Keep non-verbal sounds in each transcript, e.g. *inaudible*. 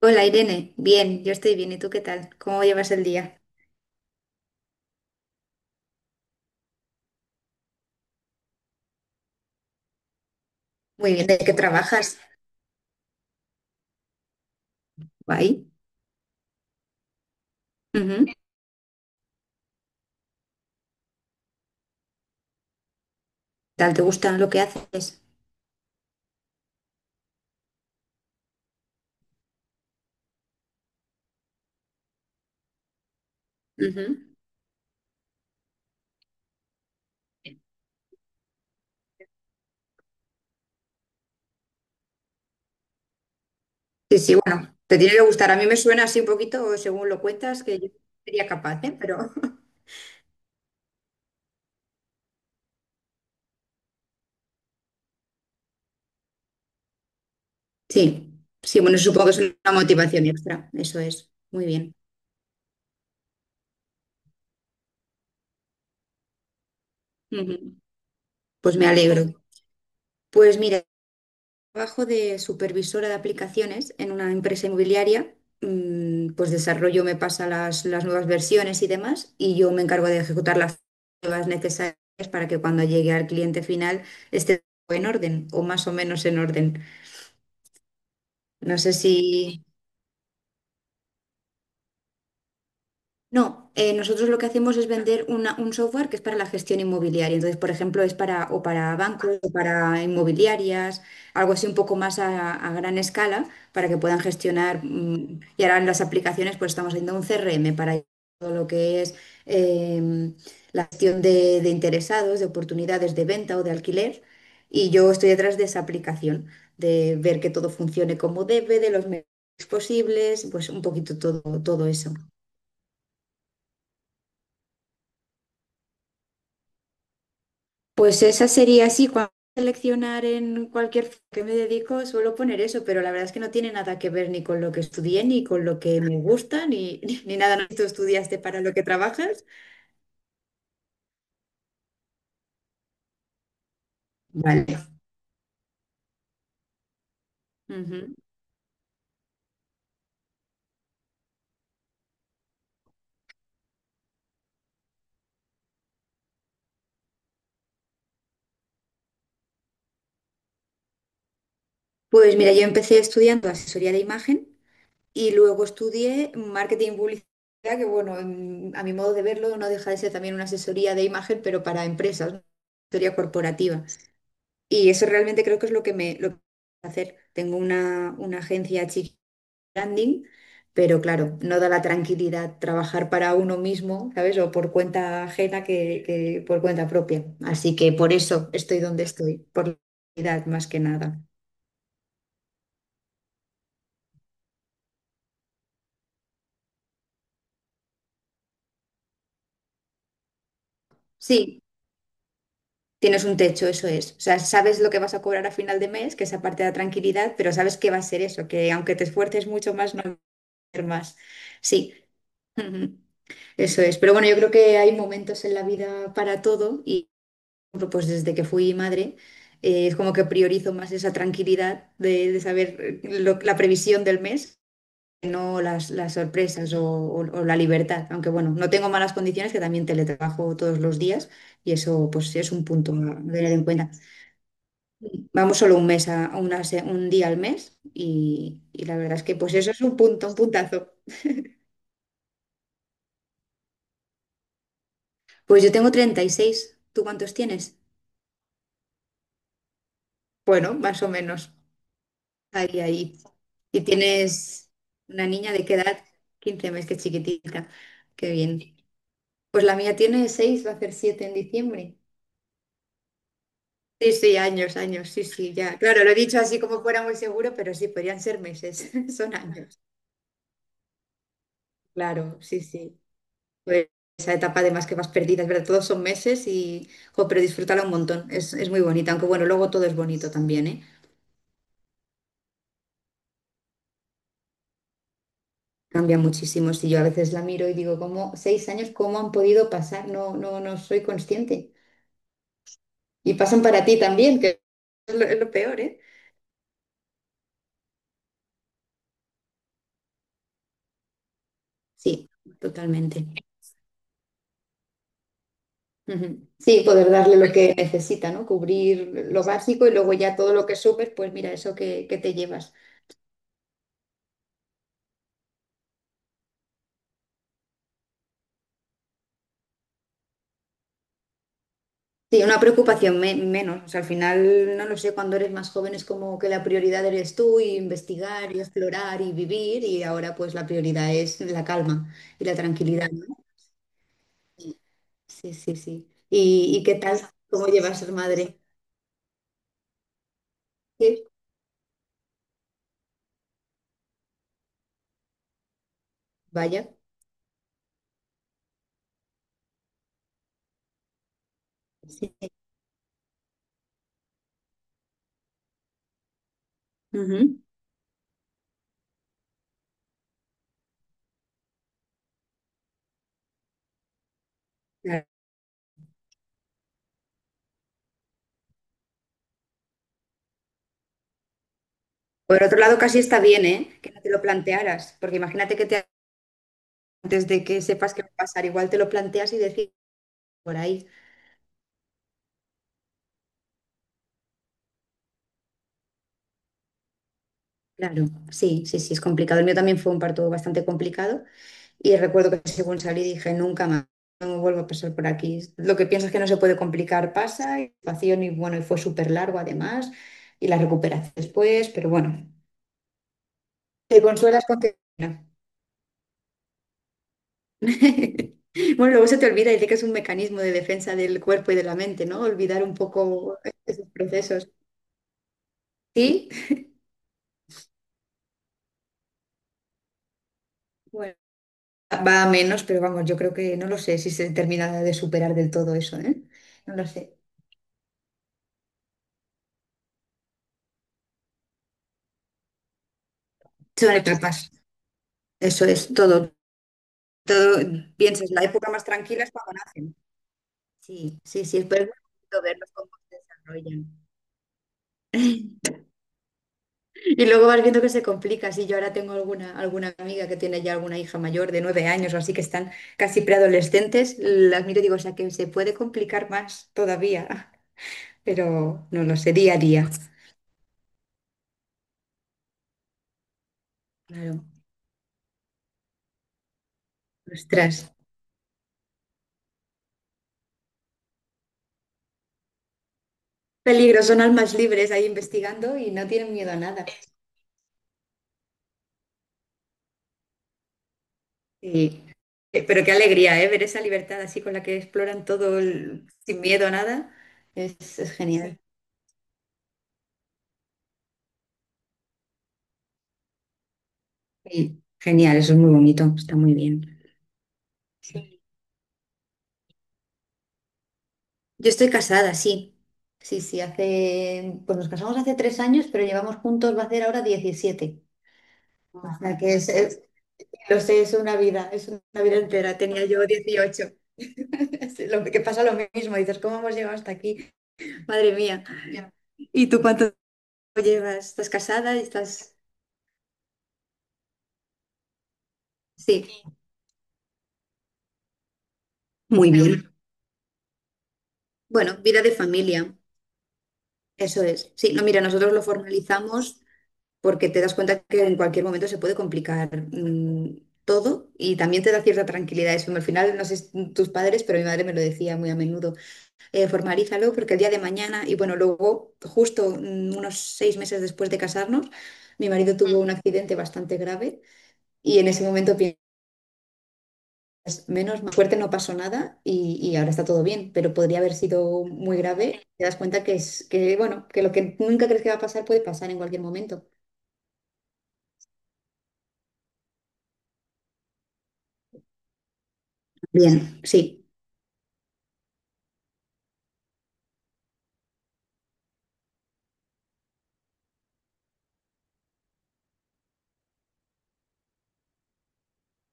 Hola Irene, bien, yo estoy bien, ¿y tú qué tal? ¿Cómo llevas el día? Muy bien, ¿de qué trabajas? Guay. Ujú. ¿Qué tal te gusta lo que haces? Ujú. Sí, sí, bueno, te tiene que gustar. A mí me suena así un poquito, según lo cuentas, que yo no sería capaz, ¿eh? Pero *laughs* sí, sí, bueno, supongo que es una motivación extra, eso es. Muy bien. Ujú. Pues me alegro. Pues mira, trabajo de supervisora de aplicaciones en una empresa inmobiliaria, pues desarrollo, me pasa las nuevas versiones y demás, y yo me encargo de ejecutar las pruebas necesarias para que cuando llegue al cliente final esté todo en orden o más o menos en orden. No sé si, no, nosotros lo que hacemos es vender un software que es para la gestión inmobiliaria. Entonces, por ejemplo, es para o para bancos o para inmobiliarias, algo así un poco más a gran escala para que puedan gestionar. Y ahora en las aplicaciones, pues estamos haciendo un CRM para todo lo que es em, la gestión de interesados, de oportunidades de venta o de alquiler. Y yo estoy detrás de esa aplicación, de ver que todo funcione como debe, de los medios posibles, pues un poquito todo, todo eso. Pues esa sería así, cuando seleccionar en cualquier que me dedico suelo poner eso, pero la verdad es que no tiene nada que ver ni con lo que estudié, ni con lo que me gusta, ni, *laughs* ni nada. ¿No? ¿Tú estudiaste para lo que trabajas? Vale. Ujú. Pues mira, yo empecé estudiando asesoría de imagen y luego estudié marketing y publicidad, que bueno, a mi modo de verlo no deja de ser también una asesoría de imagen, pero para empresas, ¿no? Asesoría corporativa. Y eso realmente creo que es lo que me lo que hacer. Tengo una agencia chiquita branding, pero claro, no da la tranquilidad trabajar para uno mismo, ¿sabes? O por cuenta ajena que por cuenta propia. Así que por eso estoy donde estoy, por la tranquilidad más que nada. Sí, tienes un techo, eso es. O sea, sabes lo que vas a cobrar a final de mes, que esa parte de la tranquilidad, pero sabes que va a ser eso, que aunque te esfuerces mucho más, no va a ser más. Sí. *laughs* Ujú. Eso es, pero bueno, yo creo que hay momentos en la vida para todo y ejemplo, pues desde que fui madre, es como que priorizo más esa tranquilidad de saber la previsión del mes, que no las sorpresas o, o la libertad. Aunque bueno, no tengo malas condiciones, que también teletrabajo todos los días y eso pues es un punto a tener en cuenta. Vamos solo un mes a una un día al mes y la verdad es que pues eso es un punto, un puntazo. Pues yo tengo 36. ¿Tú cuántos tienes? Bueno, más o menos. Ahí, ahí. Y tienes una niña de qué edad, quince meses, que chiquitita. Qué bien. Pues la mía tiene 6, va a hacer 7 en diciembre. Sí, sí, años, años, sí, sí, ya. Claro, lo he dicho así como fuera muy seguro, pero sí, podrían ser meses, *laughs* son años. Claro, sí, sí. Pues esa etapa además que vas perdida, es verdad, todos son meses y, jo, pero disfrútala un montón, es muy bonita, aunque bueno, luego todo es bonito también, ¿eh? Cambia muchísimo, si yo a veces la miro y digo, ¿cómo? Seis años, ¿cómo han podido pasar? No, no, no soy consciente. Y pasan para ti también, que es lo peor, ¿eh? Sí, totalmente. Ujú. Sí, poder darle lo que necesita, ¿no? Cubrir lo básico y luego ya todo lo que subes, pues mira, eso que te llevas. Sí, una preocupación menos. O sea, al final, no lo sé, cuando eres más joven es como que la prioridad eres tú y investigar y explorar y vivir y ahora pues la prioridad es la calma y la tranquilidad, ¿no? Sí, sí, sí. Y qué tal? ¿Cómo llevas ser madre? Sí, vaya. Sí. Ujú. Por otro lado, casi está bien, ¿eh? Que no te lo plantearas, porque imagínate que te, antes de que sepas qué va a pasar, igual te lo planteas y decís por ahí. Claro, sí, sí, sí, es complicado. El mío también fue un parto bastante complicado y recuerdo que según salí dije, nunca más, no vuelvo a pasar por aquí. Lo que piensas que no se puede complicar pasa, y situación y bueno, y fue súper largo además, y la recuperación después, pero bueno, te consuelas con que... *laughs* Bueno, luego se te olvida y dice que es un mecanismo de defensa del cuerpo y de la mente, ¿no? Olvidar un poco esos procesos. Sí, bueno, va a menos, pero vamos, yo creo que no lo sé si se termina de superar del todo eso, ¿eh? No lo sé. Son etapas. Eso es todo. Todo, piensas, la época más tranquila es cuando nacen. Sí, sí, sí, pero es muy bonito verlos cómo se desarrollan. Y luego vas viendo que se complica. Sí, yo ahora tengo alguna, alguna amiga que tiene ya alguna hija mayor de nueve años o así que están casi preadolescentes. Las miro y digo, o sea, que se puede complicar más todavía, *laughs* pero no lo sé, día a día. Claro, ostras. Peligro, son almas libres ahí investigando y no tienen miedo a nada. Sí. Pero qué alegría, ¿eh? Ver esa libertad así con la que exploran sin miedo a nada. Es genial. Sí, genial, eso es muy bonito, está muy bien. Yo estoy casada, sí. Sí, sí, hace, pues nos casamos hace tres años, pero llevamos juntos, va a ser ahora diecisiete. O ah, sea que es, lo sé, es una vida entera. Tenía yo 18. *laughs* Es lo que pasa lo mismo, dices, ¿cómo hemos llegado hasta aquí? Madre mía. Ya. ¿Y tú cuánto llevas? ¿Estás casada? ¿Estás...? Sí. Muy bien. Bueno, bueno, vida de familia, eso es. Sí, no, mira, nosotros lo formalizamos porque te das cuenta que en cualquier momento se puede complicar todo y también te da cierta tranquilidad es eso. Al final, no sé si tus padres, pero mi madre me lo decía muy a menudo, formalízalo porque el día de mañana, y bueno, luego justo unos seis meses después de casarnos, mi marido tuvo un accidente bastante grave y en ese momento piensas, menos mal, suerte no pasó nada y, y ahora está todo bien, pero podría haber sido muy grave. Te das cuenta que es que, bueno, que lo que nunca crees que va a pasar puede pasar en cualquier momento. Bien, sí.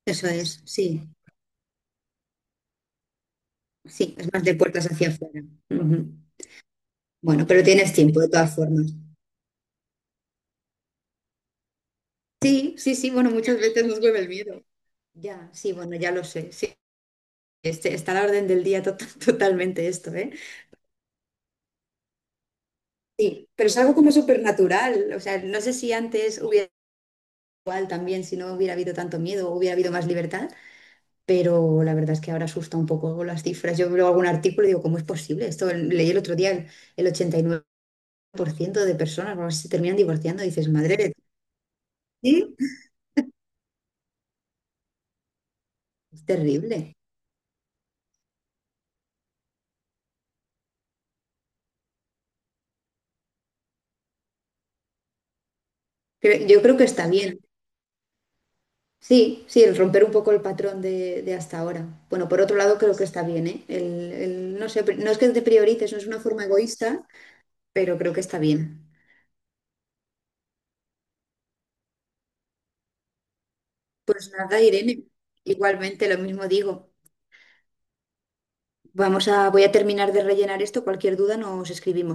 Eso es, sí, sí, es más de puertas hacia afuera. Ujú. Bueno, pero tienes tiempo de todas formas. Sí, sí, sí, bueno, muchas veces nos vuelve el miedo. Ya, sí, bueno, ya lo sé, sí. Este, está a la orden del día *laughs* totalmente esto, ¿eh? Sí, pero es algo como supernatural. O sea, no sé si antes hubiera igual también, si no hubiera habido tanto miedo, hubiera habido más libertad, pero la verdad es que ahora asusta un poco las cifras. Yo veo algún artículo y digo, ¿cómo es posible? Esto leí el otro día, el 89% de personas o algo así, se terminan divorciando y dices, madre de sí, es terrible. Yo creo que está bien. Sí, sí, el romper un poco el patrón de hasta ahora. Bueno, por otro lado, creo que está bien, ¿eh? No sé, no es que te priorices, no es una forma egoísta, pero creo que está bien. Pues nada, Irene, igualmente lo mismo digo. Vamos a, voy a terminar de rellenar esto. Cualquier duda nos escribimos.